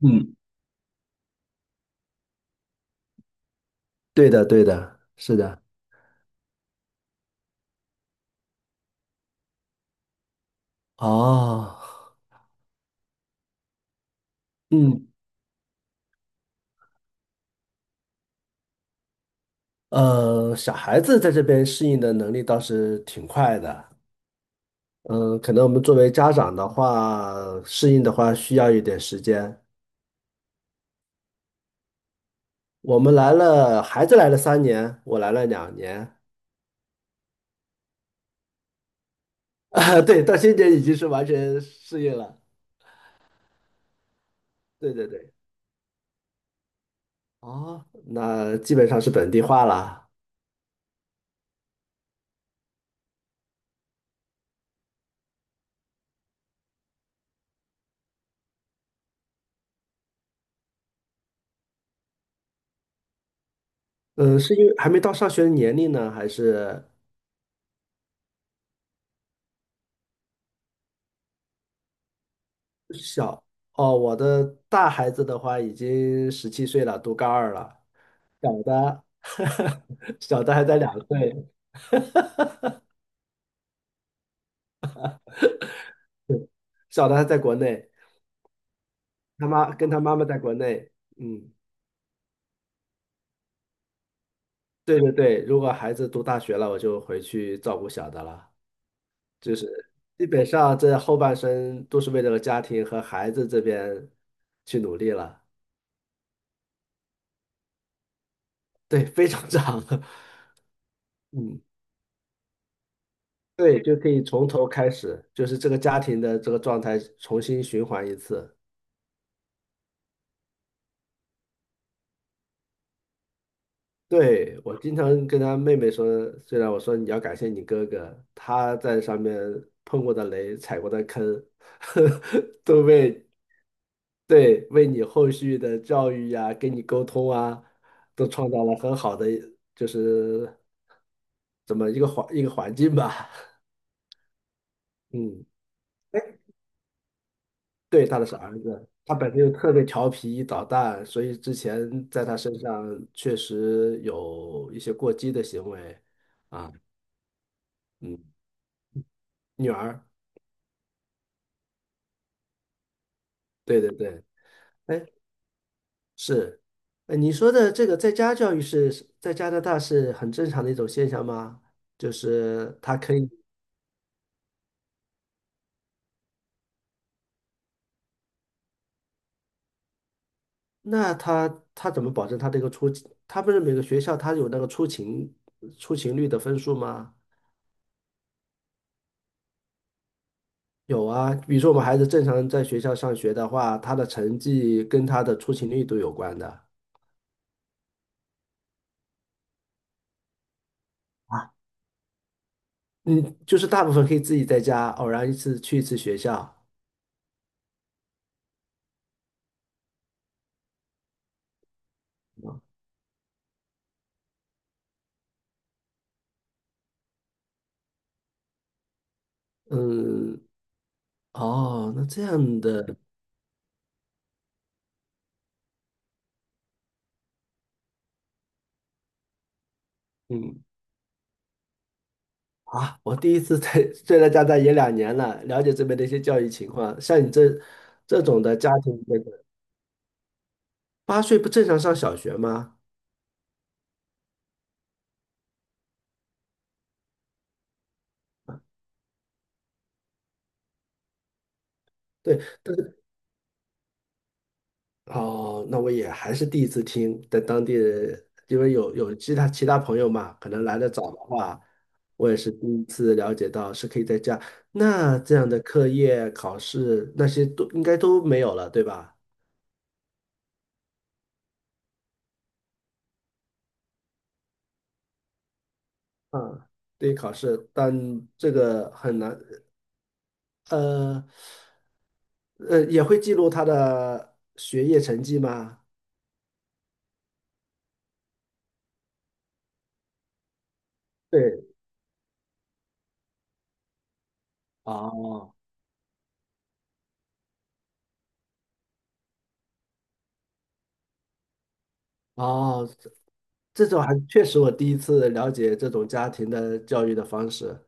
嗯，对的，对的，是的。哦，嗯，小孩子在这边适应的能力倒是挺快的。嗯，可能我们作为家长的话，适应的话需要一点时间。我们来了，孩子来了3年，我来了两年。啊，对，到今年已经是完全适应了。对对对。哦，那基本上是本地化了。嗯，是因为还没到上学的年龄呢，还是？小哦，我的大孩子的话已经17岁了，读高二了。小的，小的还在2岁，对小的还在国内，他妈妈在国内。嗯，对对对，如果孩子读大学了，我就回去照顾小的了。就是基本上这后半生都是为这个家庭和孩子这边去努力了。对，非常长。嗯，对，就可以从头开始，就是这个家庭的这个状态重新循环一次。对，我经常跟他妹妹说，虽然我说你要感谢你哥哥，他在上面碰过的雷、踩过的坑，都为对为你后续的教育呀、跟你沟通啊，都创造了很好的就是怎么一个环境吧。嗯，哎对，他的是儿子，他本身又特别调皮捣蛋，所以之前在他身上确实有一些过激的行为啊。嗯，女儿。对对对，哎，是，哎，你说的这个在家教育是在加拿大是很正常的一种现象吗？就是他可以，那他怎么保证他这个出勤，他不是每个学校他有那个出勤率的分数吗？有啊，比如说我们孩子正常在学校上学的话，他的成绩跟他的出勤率都有关的。啊。嗯，就是大部分可以自己在家，偶然一次去一次学校。嗯，哦，那这样的，嗯，啊，我第一次在，虽然加拿大也两年了，了解这边的一些教育情况。像你这种家庭，那个8岁不正常上小学吗？对，但是哦，那我也还是第一次听，在当地人因为有其他朋友嘛，可能来的早的话，我也是第一次了解到是可以在家。那这样的课业、考试那些都应该都没有了，对吧？啊，对，考试，但这个很难。呃呃，也会记录他的学业成绩吗？对，哦哦，这种还确实我第一次了解这种家庭的教育的方式，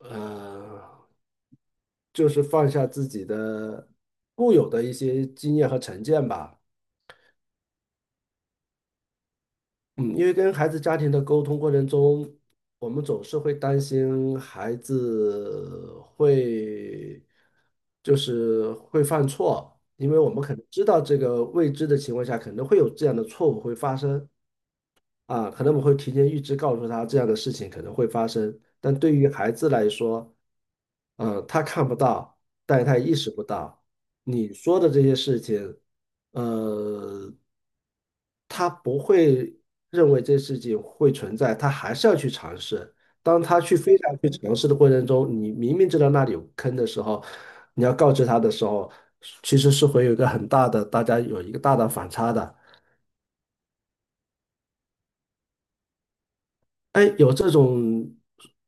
呃，就是放下自己的固有的一些经验和成见吧。嗯，因为跟孩子家庭的沟通过程中，我们总是会担心孩子会会犯错，因为我们可能知道这个未知的情况下，可能会有这样的错误会发生。啊，可能我们会提前预知告诉他这样的事情可能会发生，但对于孩子来说，嗯，他看不到，但是他也意识不到你说的这些事情，呃，他不会认为这事情会存在，他还是要去尝试。当他去非常去尝试的过程中，你明明知道那里有坑的时候，你要告知他的时候，其实是会有一个很大的，大家有一个大的反差的。哎，有这种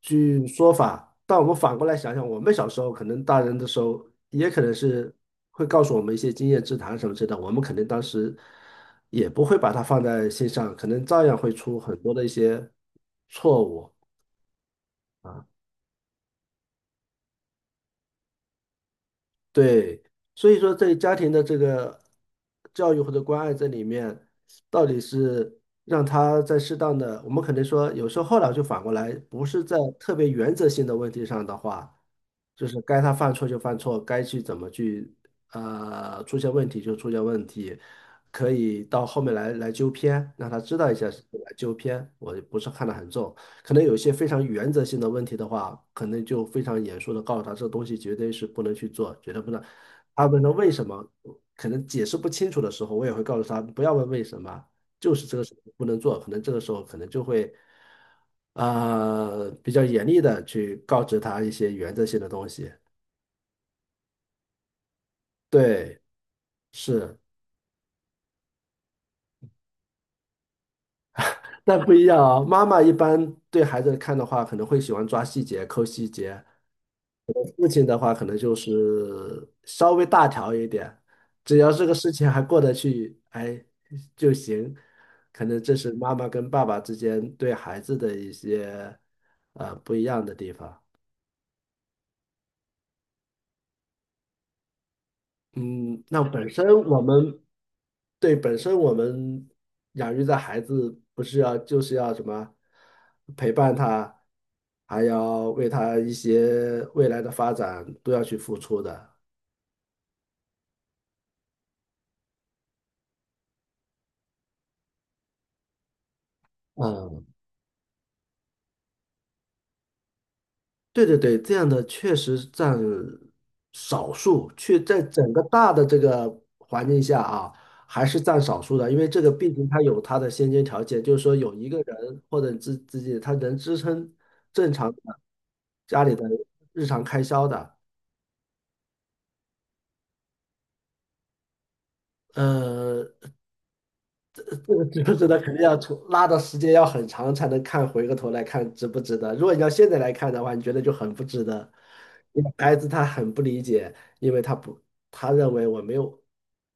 句说法，但我们反过来想想，我们小时候可能大人的时候，也可能是会告诉我们一些经验之谈什么之类的，我们可能当时也不会把它放在心上，可能照样会出很多的一些错误。啊。对，所以说在家庭的这个教育或者关爱这里面，到底是让他在适当的，我们可能说，有时候后来就反过来，不是在特别原则性的问题上的话，就是该他犯错就犯错，该去怎么去出现问题就出现问题，可以到后面来纠偏，让他知道一下是来纠偏，我不是看得很重。可能有一些非常原则性的问题的话，可能就非常严肃的告诉他，这东西绝对是不能去做，绝对不能。他问他为什么，可能解释不清楚的时候，我也会告诉他，不要问为什么，就是这个事情不能做。可能这个时候可能就会，呃，比较严厉的去告知他一些原则性的东西。对，是，但不一样啊。妈妈一般对孩子看的话，可能会喜欢抓细节、抠细节。父亲的话，可能就是稍微大条一点，只要这个事情还过得去，哎就行。可能这是妈妈跟爸爸之间对孩子的一些不一样的地方。嗯，那本身我们对本身我们养育的孩子，不是要什么陪伴他，还要为他一些未来的发展都要去付出的。嗯，对对对，这样的确实占少数，却在整个大的这个环境下啊，还是占少数的，因为这个毕竟它有它的先决条件，就是说有一个人或者自己他能支撑正常的家里的日常开销的，呃，这个值不值得，肯定要出拉的时间要很长才能看，回过头来看值不值得。如果你要现在来看的话，你觉得就很不值得。因为孩子他很不理解，因为他不，他认为我没有，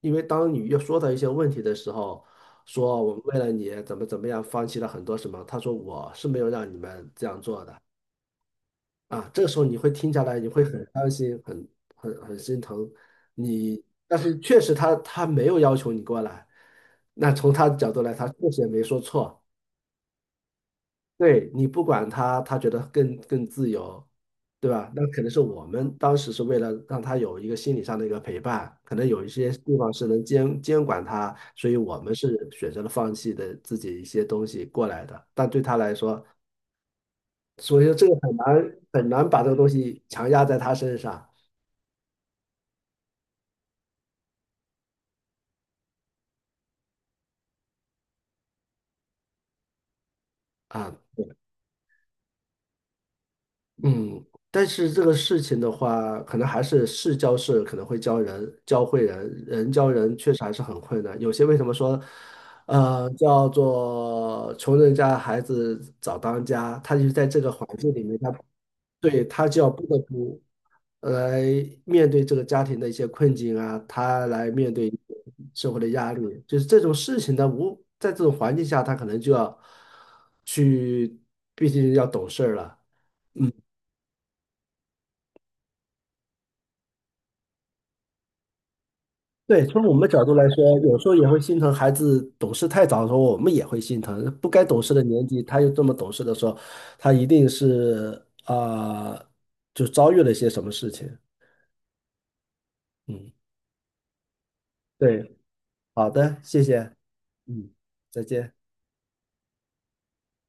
因为当你又说到一些问题的时候，说我们为了你怎么怎么样，放弃了很多什么，他说我是没有让你们这样做的。啊，这个时候你会听下来，你会很伤心，很很心疼你 但是确实他没有要求你过来，那从他的角度来，他确实也没说错。对你不管他，他觉得更自由，对吧？那可能是我们当时是为了让他有一个心理上的一个陪伴，可能有一些地方是能监管他，所以我们是选择了放弃的自己一些东西过来的。但对他来说，所以说这个很难很难把这个东西强压在他身上。啊，嗯，但是这个事情的话，可能还是事教事，可能会教人，教会人，人教人确实还是很困难。有些为什么说，呃，叫做穷人家孩子早当家，他就是在这个环境里面，他就要不得不来面对这个家庭的一些困境啊，他来面对社会的压力，就是这种事情他无，在这种环境下，他可能就要去，毕竟要懂事儿了。对，从我们的角度来说，有时候也会心疼孩子懂事太早的时候，我们也会心疼。不该懂事的年纪，他又这么懂事的时候，他一定是啊、呃就遭遇了一些什么事情。嗯，对，好的，谢谢，嗯，再见。